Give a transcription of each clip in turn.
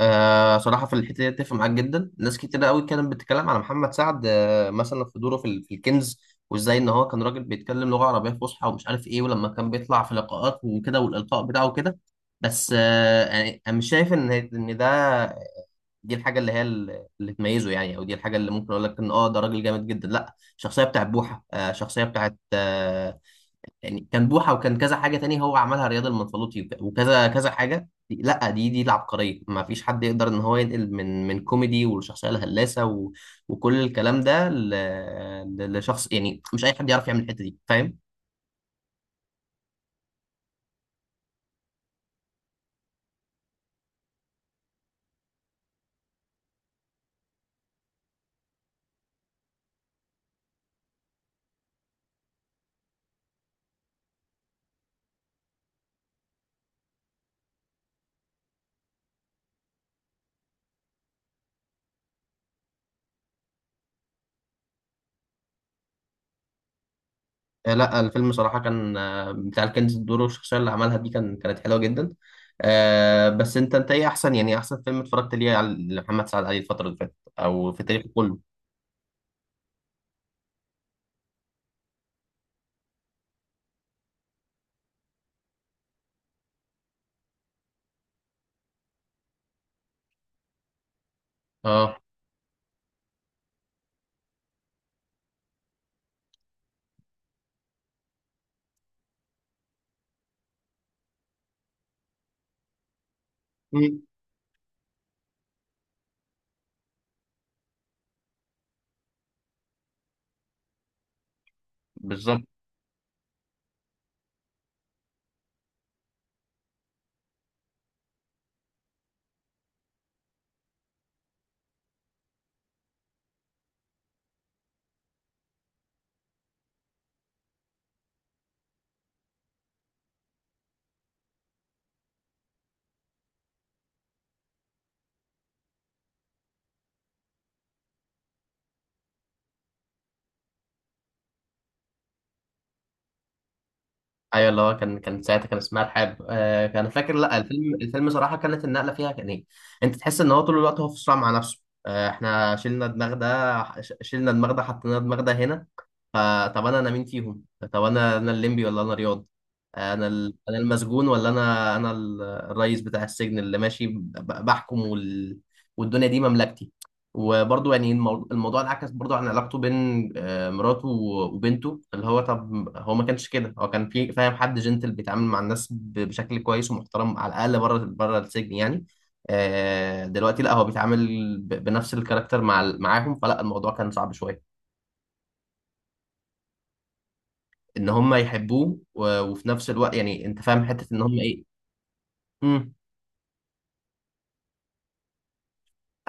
صراحة في الحتة دي أتفق معاك جدا، ناس كتير قوي كانت بتتكلم على محمد سعد مثلا في دوره في الكنز. وإزاي إن هو كان راجل بيتكلم لغة عربية فصحى ومش عارف إيه، ولما كان بيطلع في لقاءات وكده والإلقاء بتاعه كده. بس يعني أنا مش شايف إن ده دي الحاجة اللي هي اللي تميزه، يعني أو دي الحاجة اللي ممكن أقول لك إن ده راجل جامد جدا. لأ، الشخصية بتاعت بوحة، الشخصية بتاعت، يعني كان بوحة وكان كذا حاجة تاني هو عملها، رياض المنفلوطي وكذا كذا حاجة. لا دي العبقرية، ما فيش حد يقدر ان هو ينقل من كوميدي والشخصية الهلاسة وكل الكلام ده لشخص، يعني مش اي حد يعرف يعمل الحتة دي، فاهم؟ لا الفيلم صراحة كان، بتاع الكنز، الدور والشخصية اللي عملها دي كانت حلوة جدا. بس انت ايه احسن، يعني احسن فيلم اتفرجت ليه على محمد سعد علي الفترة اللي فاتت او في تاريخه كله؟ اه. مم. بالظبط. ايوه، اللي هو كان ساعتها كان اسمها الحرب كان فاكر. لا الفيلم، صراحه كانت النقله فيها كان ايه، انت تحس ان هو طول الوقت هو في صراع مع نفسه. احنا شلنا دماغ ده، شلنا دماغ ده، حطينا دماغ ده هنا. فطب انا مين فيهم؟ طب انا الليمبي ولا انا رياض؟ انا المسجون ولا انا الرئيس بتاع السجن اللي ماشي بحكم والدنيا دي مملكتي. وبرضه يعني الموضوع انعكس برضه عن علاقته بين، مراته وبنته. اللي هو طب هو ما كانش كده، هو كان في فاهم حد جنتل بيتعامل مع الناس بشكل كويس ومحترم على الاقل بره بره السجن يعني. دلوقتي لا هو بيتعامل بنفس الكاركتر مع معاهم، فلا الموضوع كان صعب شويه ان هم يحبوه وفي نفس الوقت يعني انت فاهم حته ان هم ايه. مم.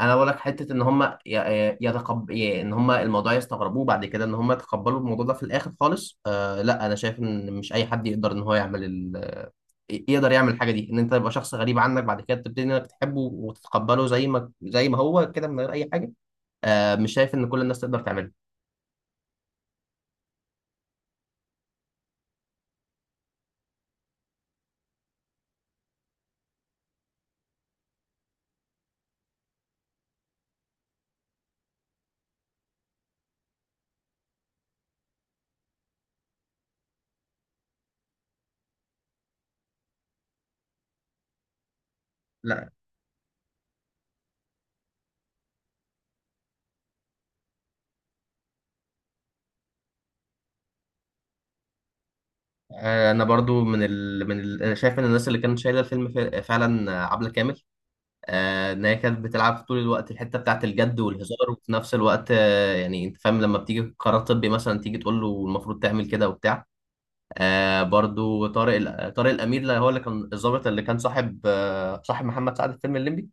انا بقول لك حته ان هم ان هم الموضوع يستغربوه بعد كده، ان هم يتقبلوا الموضوع ده في الاخر خالص. لا انا شايف ان مش اي حد يقدر ان هو يعمل يقدر يعمل الحاجه دي، ان انت تبقى شخص غريب عنك بعد كده تبتدي انك تحبه وتتقبله زي ما هو كده من غير اي حاجه. مش شايف ان كل الناس تقدر تعمله. لا انا برضو أنا شايف ان الناس اللي كانت شايله الفيلم فعلا، عبله كامل. ان هي كانت بتلعب طول الوقت الحته بتاعت الجد والهزار، وفي نفس الوقت يعني انت فاهم، لما بتيجي قرار طبي مثلا تيجي تقول له المفروض تعمل كده وبتاع. برضو طارق الامير، اللي هو اللي كان الضابط اللي كان صاحب، صاحب محمد سعد في فيلم الليمبي،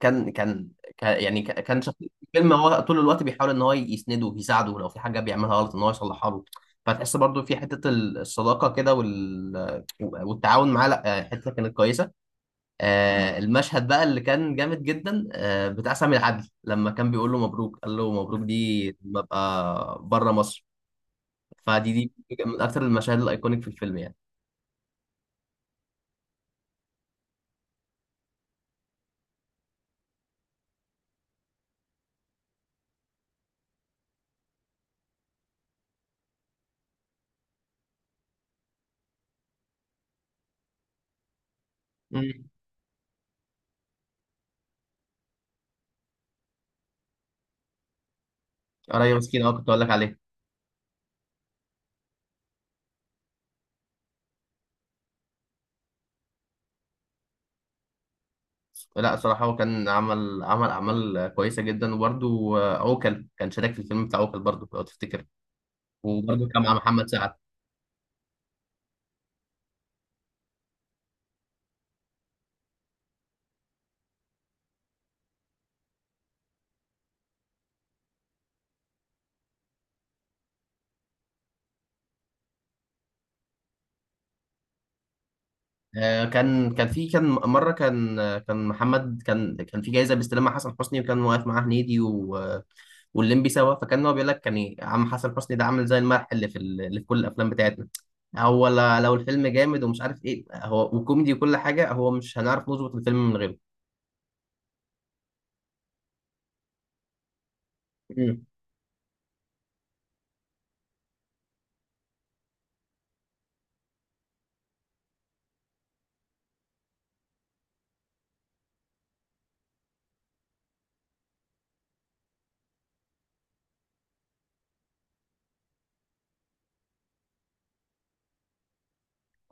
كان كان يعني كان شخصية في الفيلم هو طول الوقت بيحاول ان هو يسنده ويساعده، لو في حاجه بيعملها غلط ان هو يصلحها له. فتحس برضو في حته الصداقه كده والتعاون معاه. لا حته كانت كويسه. المشهد بقى اللي كان جامد جدا، بتاع سامي العدل، لما كان بيقول له مبروك، قال له مبروك دي لما ابقى بره مصر. فدي من اكتر المشاهد الايكونيك في الفيلم يعني. امم. قرايه مسكين، اه كنت اقول لك عليه. لا صراحة هو كان عمل عمل أعمال كويسة جدا، وبرده عوكل كان شارك في الفيلم بتاع عوكل برضه لو تفتكر، وبرده كان مع محمد سعد. كان في مرة كان كان محمد كان كان في جايزة بيستلمها حسن حسني، وكان واقف معاه هنيدي والليمبي سوا. فكان هو بيقول لك كان إيه، عم حسن حسني ده عامل زي الملح اللي في اللي في كل الافلام بتاعتنا. هو لو الفيلم جامد ومش عارف ايه، هو وكوميدي وكل حاجه، هو مش هنعرف نظبط الفيلم من غيره. مم.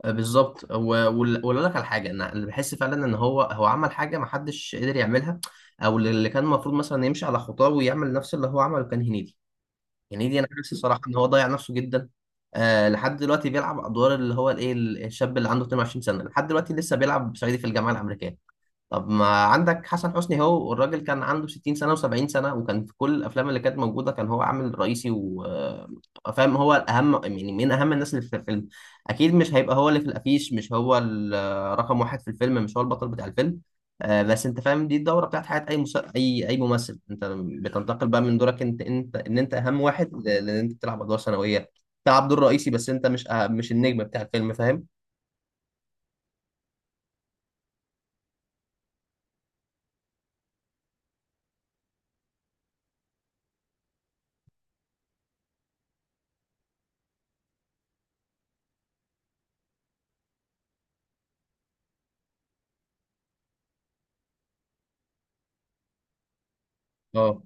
بالظبط. واقول لك على حاجه، انا اللي بحس فعلا ان هو، عمل حاجه ما حدش قدر يعملها، او اللي كان المفروض مثلا يمشي على خطاه ويعمل نفس اللي هو عمله، كان هنيدي. هنيدي انا حاسس صراحه ان هو ضيع نفسه جدا. لحد دلوقتي بيلعب ادوار اللي هو الايه، الشاب اللي عنده 22 سنه، لحد دلوقتي لسه بيلعب صعيدي في الجامعه الامريكيه. طب ما عندك حسن حسني، هو الراجل كان عنده 60 سنة و70 سنة، وكان في كل الأفلام اللي كانت موجودة كان هو عامل رئيسي، وفاهم هو الأهم يعني من أهم الناس اللي في الفيلم. أكيد مش هيبقى هو اللي في الأفيش، مش هو رقم واحد في الفيلم، مش هو البطل بتاع الفيلم. بس أنت فاهم، دي الدورة بتاعت حياة أي أي ممثل. أنت بتنتقل بقى من دورك أنت، إن أنت أهم واحد، لأن أنت بتلعب أدوار ثانوية، تلعب دور رئيسي، بس أنت مش النجم بتاع الفيلم، فاهم؟ اه،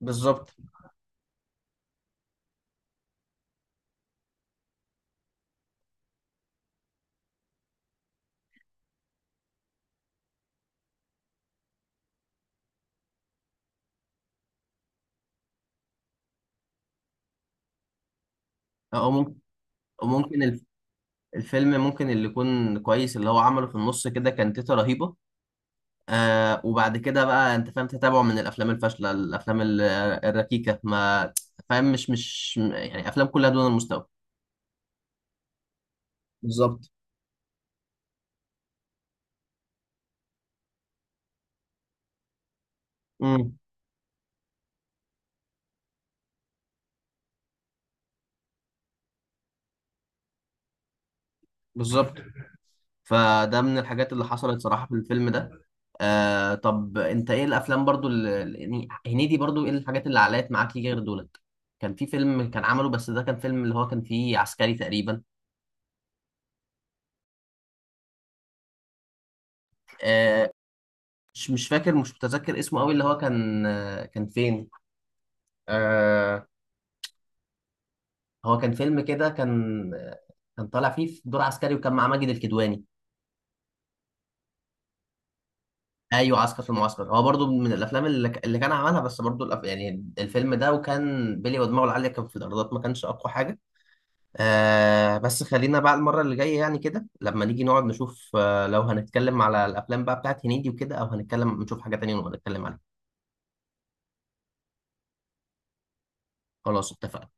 بالظبط. أو ممكن. وممكن الفيلم ممكن، اللي يكون كويس اللي هو عمله في النص كده، كان تيتا رهيبة. وبعد كده بقى انت فاهم تتابعه من الافلام الفاشلة، الافلام الركيكة، ما فاهم، مش يعني افلام كلها دون المستوى. بالظبط. امم. بالظبط. فده من الحاجات اللي حصلت صراحة في الفيلم ده. طب انت ايه الافلام برضو اللي يعني هنيدي برضو، ايه الحاجات اللي علقت معاك ليه غير دولت؟ كان في فيلم كان عمله بس، ده كان فيلم اللي هو كان فيه عسكري تقريبا. آه، مش مش فاكر، مش متذكر اسمه قوي، اللي هو كان، كان فين، آه هو كان فيلم كده كان، كان طالع فيه في دور عسكري وكان معاه ماجد الكدواني. ايوه، عسكر في المعسكر، هو برضو من الافلام اللي كان عملها، بس برضو يعني الفيلم ده وكان بيلي ودماغه العاليه كان في الايرادات ما كانش اقوى حاجه. بس خلينا بقى المره اللي جايه يعني كده، لما نيجي نقعد نشوف، لو هنتكلم على الافلام بقى بتاعت هنيدي وكده، او هنتكلم نشوف حاجه تانية ونبقى نتكلم عليها. خلاص، اتفقنا.